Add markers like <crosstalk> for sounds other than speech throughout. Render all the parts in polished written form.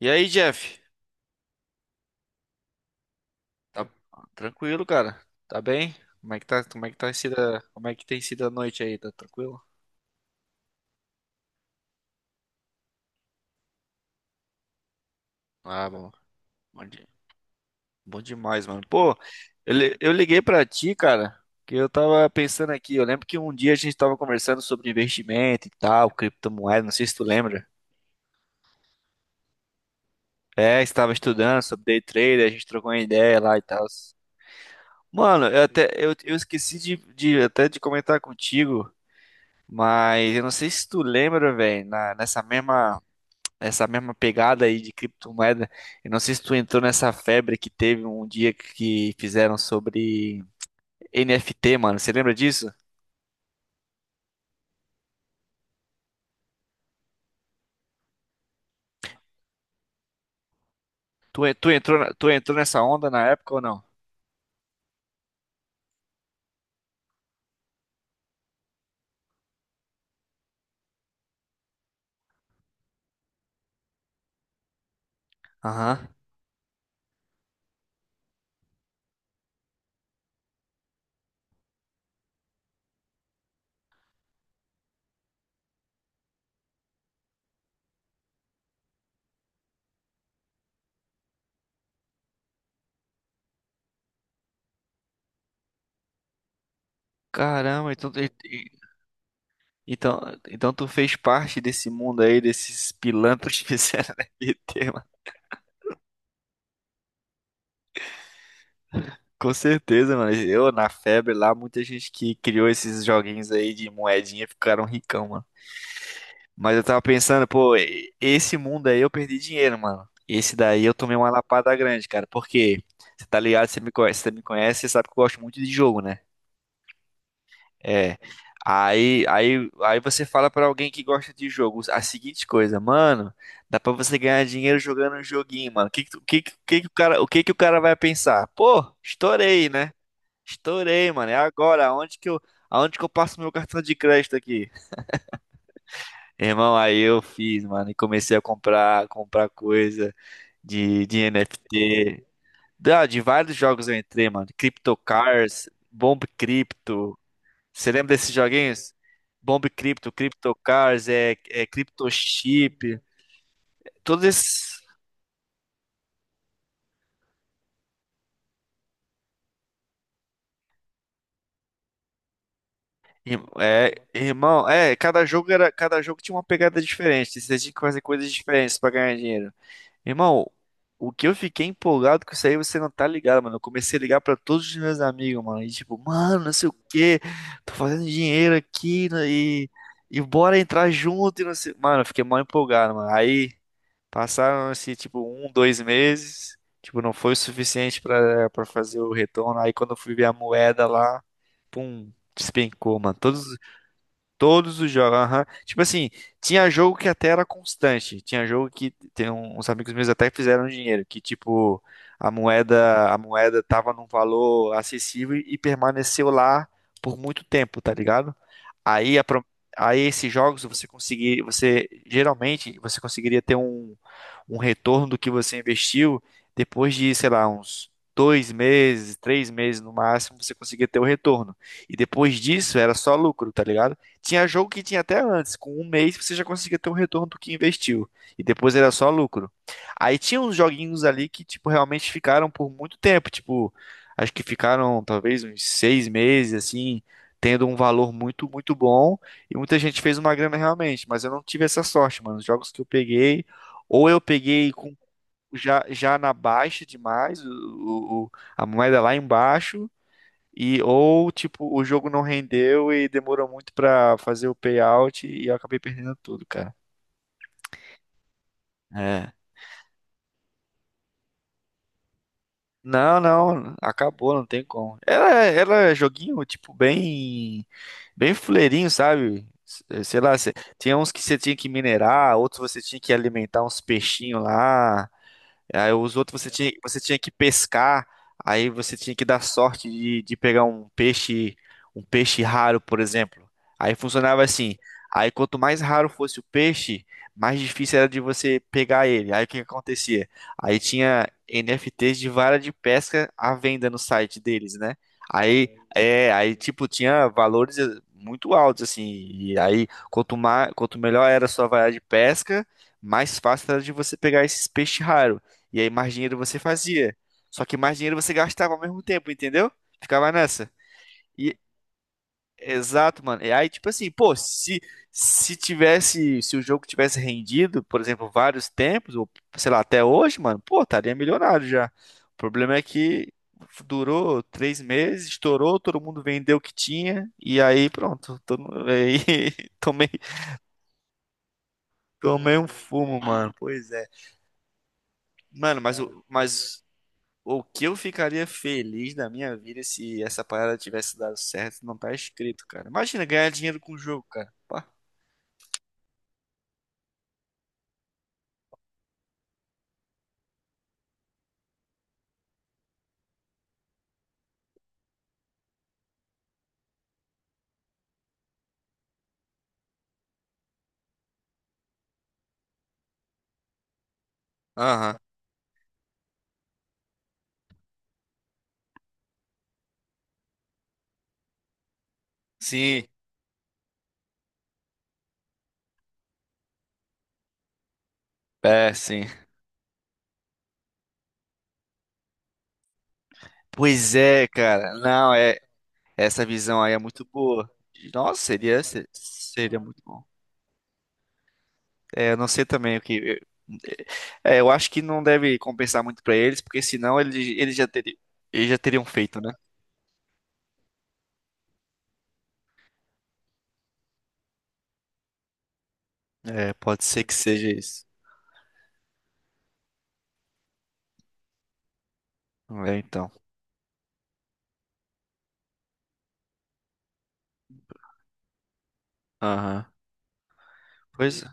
E aí, Jeff? Tá tranquilo, cara? Tá bem? Como é que tá, como é que tá sido, a- Como é que tem sido a noite aí? Tá tranquilo? Ah, bom. Bom, de- Bom demais, mano. Pô, eu liguei pra ti, cara, que eu tava pensando aqui. Eu lembro que um dia a gente tava conversando sobre investimento e tal, criptomoeda, não sei se tu lembra. É, estava estudando sobre day trader, a gente trocou uma ideia lá e tal. Mano, eu esqueci de comentar contigo, mas eu não sei se tu lembra, velho, na- nessa mesma essa mesma pegada aí de criptomoeda. Eu não sei se tu entrou nessa febre que teve um dia que fizeram sobre NFT, mano. Você lembra disso? Tu entrou nessa onda na época ou não? Aham. Caramba, então, então tu fez parte desse mundo aí, desses pilantras que fizeram <laughs> NFT, mano. Com certeza, mano. Eu na febre lá, muita gente que criou esses joguinhos aí de moedinha ficaram ricão, mano. Mas eu tava pensando, pô, esse mundo aí eu perdi dinheiro, mano. Esse daí eu tomei uma lapada grande, cara. Por quê? Você tá ligado, você me conhece, você me conhece, você sabe que eu gosto muito de jogo, né? É. Aí, você fala pra alguém que gosta de jogo a seguinte coisa, mano, dá pra você ganhar dinheiro jogando um joguinho, mano. Que tu- que o cara, o que que o cara vai pensar? Pô, estourei, né? Estourei, mano. É agora, aonde que eu passo meu cartão de crédito aqui? Irmão, aí eu fiz, mano, e comecei a comprar coisa de NFT. De vários jogos eu entrei, mano. Crypto Cars, Bomb Crypto. Você lembra desses joguinhos? Bomb Crypto, Crypto Cars, é Crypto Chip. Todos esses. É, irmão, é, cada jogo tinha uma pegada diferente. Você tinha que fazer coisas diferentes pra ganhar dinheiro. Irmão, o que eu fiquei empolgado com isso aí, você não tá ligado, mano. Eu comecei a ligar pra todos os meus amigos, mano. E tipo, mano, não sei o quê, tô fazendo dinheiro aqui né, e bora entrar junto e não sei. Mano, eu fiquei mal empolgado, mano. Aí passaram assim, tipo, um, 2 meses. Tipo, não foi o suficiente pra fazer o retorno. Aí quando eu fui ver a moeda lá, pum, despencou, mano. Todos. Todos os jogos, aham. Tipo assim, tinha jogo que até era constante. Tinha jogo que tem uns amigos meus até fizeram dinheiro, que tipo, a moeda tava num valor acessível e permaneceu lá por muito tempo, tá ligado? Aí, a pro- aí esses jogos você conseguiria ter um retorno do que você investiu depois de, sei lá, uns 2 meses, 3 meses no máximo, você conseguia ter o retorno. E depois disso era só lucro, tá ligado? Tinha jogo que tinha até antes, com 1 mês você já conseguia ter um retorno do que investiu. E depois era só lucro. Aí tinha uns joguinhos ali que, tipo, realmente ficaram por muito tempo. Tipo, acho que ficaram talvez uns 6 meses, assim, tendo um valor muito, muito bom. E muita gente fez uma grana realmente. Mas eu não tive essa sorte, mano. Os jogos que eu peguei, ou eu peguei com. Já na baixa demais, a moeda lá embaixo, e ou tipo, o jogo não rendeu e demorou muito pra fazer o payout e eu acabei perdendo tudo, cara. É. Não, não, acabou, não tem como. Era joguinho tipo bem bem fuleirinho, sabe? Sei lá, tinha uns que você tinha que minerar, outros você tinha que alimentar uns peixinhos lá. Aí os outros você tinha que pescar, aí você tinha que dar sorte de pegar um peixe raro, por exemplo. Aí funcionava assim. Aí quanto mais raro fosse o peixe, mais difícil era de você pegar ele. Aí o que que acontecia? Aí tinha NFTs de vara de pesca à venda no site deles, né? Aí tipo tinha valores muito altos assim. E aí quanto melhor era a sua vara de pesca, mais fácil era de você pegar esses peixes raros. E aí mais dinheiro você fazia. Só que mais dinheiro você gastava ao mesmo tempo, entendeu? Ficava nessa. E Exato, mano. E aí tipo assim, pô, se tivesse, se o jogo tivesse rendido, por exemplo, vários tempos ou sei lá, até hoje, mano, pô, estaria milionário já. O problema é que durou 3 meses, estourou, todo mundo vendeu o que tinha e aí pronto, <laughs> aí tomei tomei um fumo, mano. Pois é. Mano, o que eu ficaria feliz da minha vida se essa parada tivesse dado certo, não tá escrito, cara. Imagina ganhar dinheiro com o jogo, cara. Pá. Aham. Sim. É, sim. Pois é, cara. Não, é. Essa visão aí é muito boa. Nossa, seria, se- seria muito bom. É, eu não sei também o que. É, eu acho que não deve compensar muito pra eles, porque senão eles já teriam feito, né? É, pode ser que seja isso. É, então. Aham. Pois é.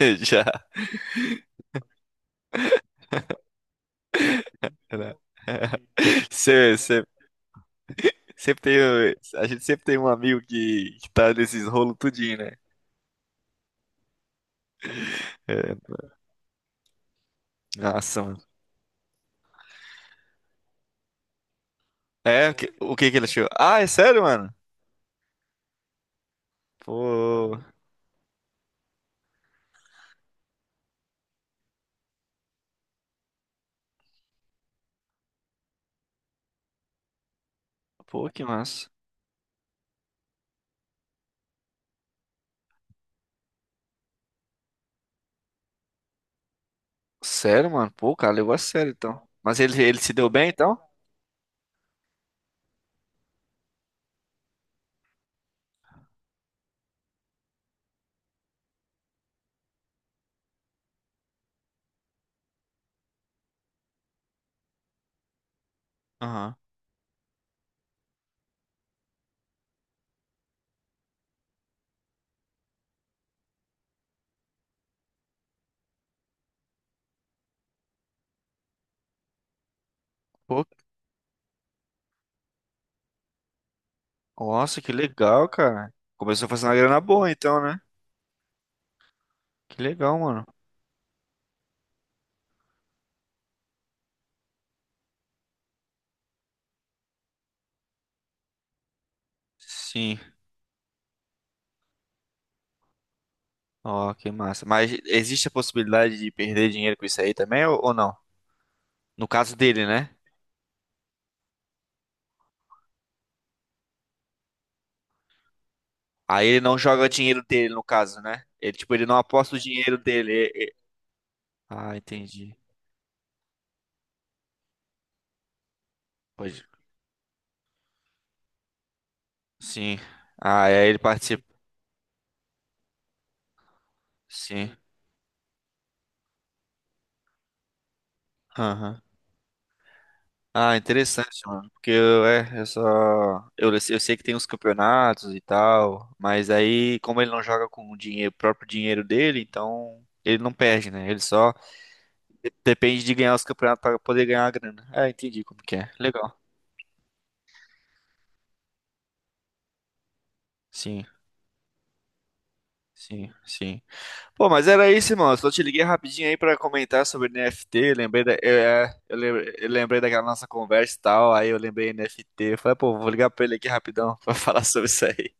<laughs> Já. Era. <laughs> Cê, cê- sempre tem, a gente sempre tem um amigo que tá nesses rolos tudinho, né? É, nossa, mano. É, o que que ele achou? Ah, é sério, mano? Pô, pô, que massa. Sério, mano? Pô, cara, levou a sério, então. Mas ele se deu bem, então? Aham. Pô, nossa, que legal, cara. Começou fazendo uma grana boa, então, né? Que legal, mano. Sim. Ó, que massa. Mas existe a possibilidade de perder dinheiro com isso aí também, ou não? No caso dele, né? Aí ele não joga o dinheiro dele, no caso, né? Ele, tipo, ele não aposta o dinheiro dele. Ah, entendi. Pode. Sim. Ah, aí ele participa. Sim. Aham. Ah, interessante, mano. Porque eu, é, eu só. Eu sei que tem uns campeonatos e tal. Mas aí, como ele não joga com o dinheiro, o próprio dinheiro dele, então ele não perde, né? Ele só depende de ganhar os campeonatos para poder ganhar a grana. É, entendi como que é. Legal. Sim, sim, sim. Pô, mas era isso, irmão. Eu só te liguei rapidinho aí pra comentar sobre NFT. Lembrei da, eu, é, eu lembrei daquela nossa conversa e tal. Aí eu lembrei NFT. Eu falei, pô, vou ligar pra ele aqui rapidão pra <laughs> falar sobre isso aí.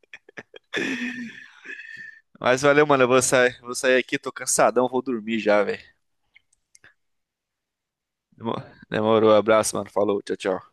Mas valeu, mano. Eu vou sair aqui, tô cansadão, vou dormir já, velho. Demo- Demorou, abraço, mano. Falou, tchau, tchau.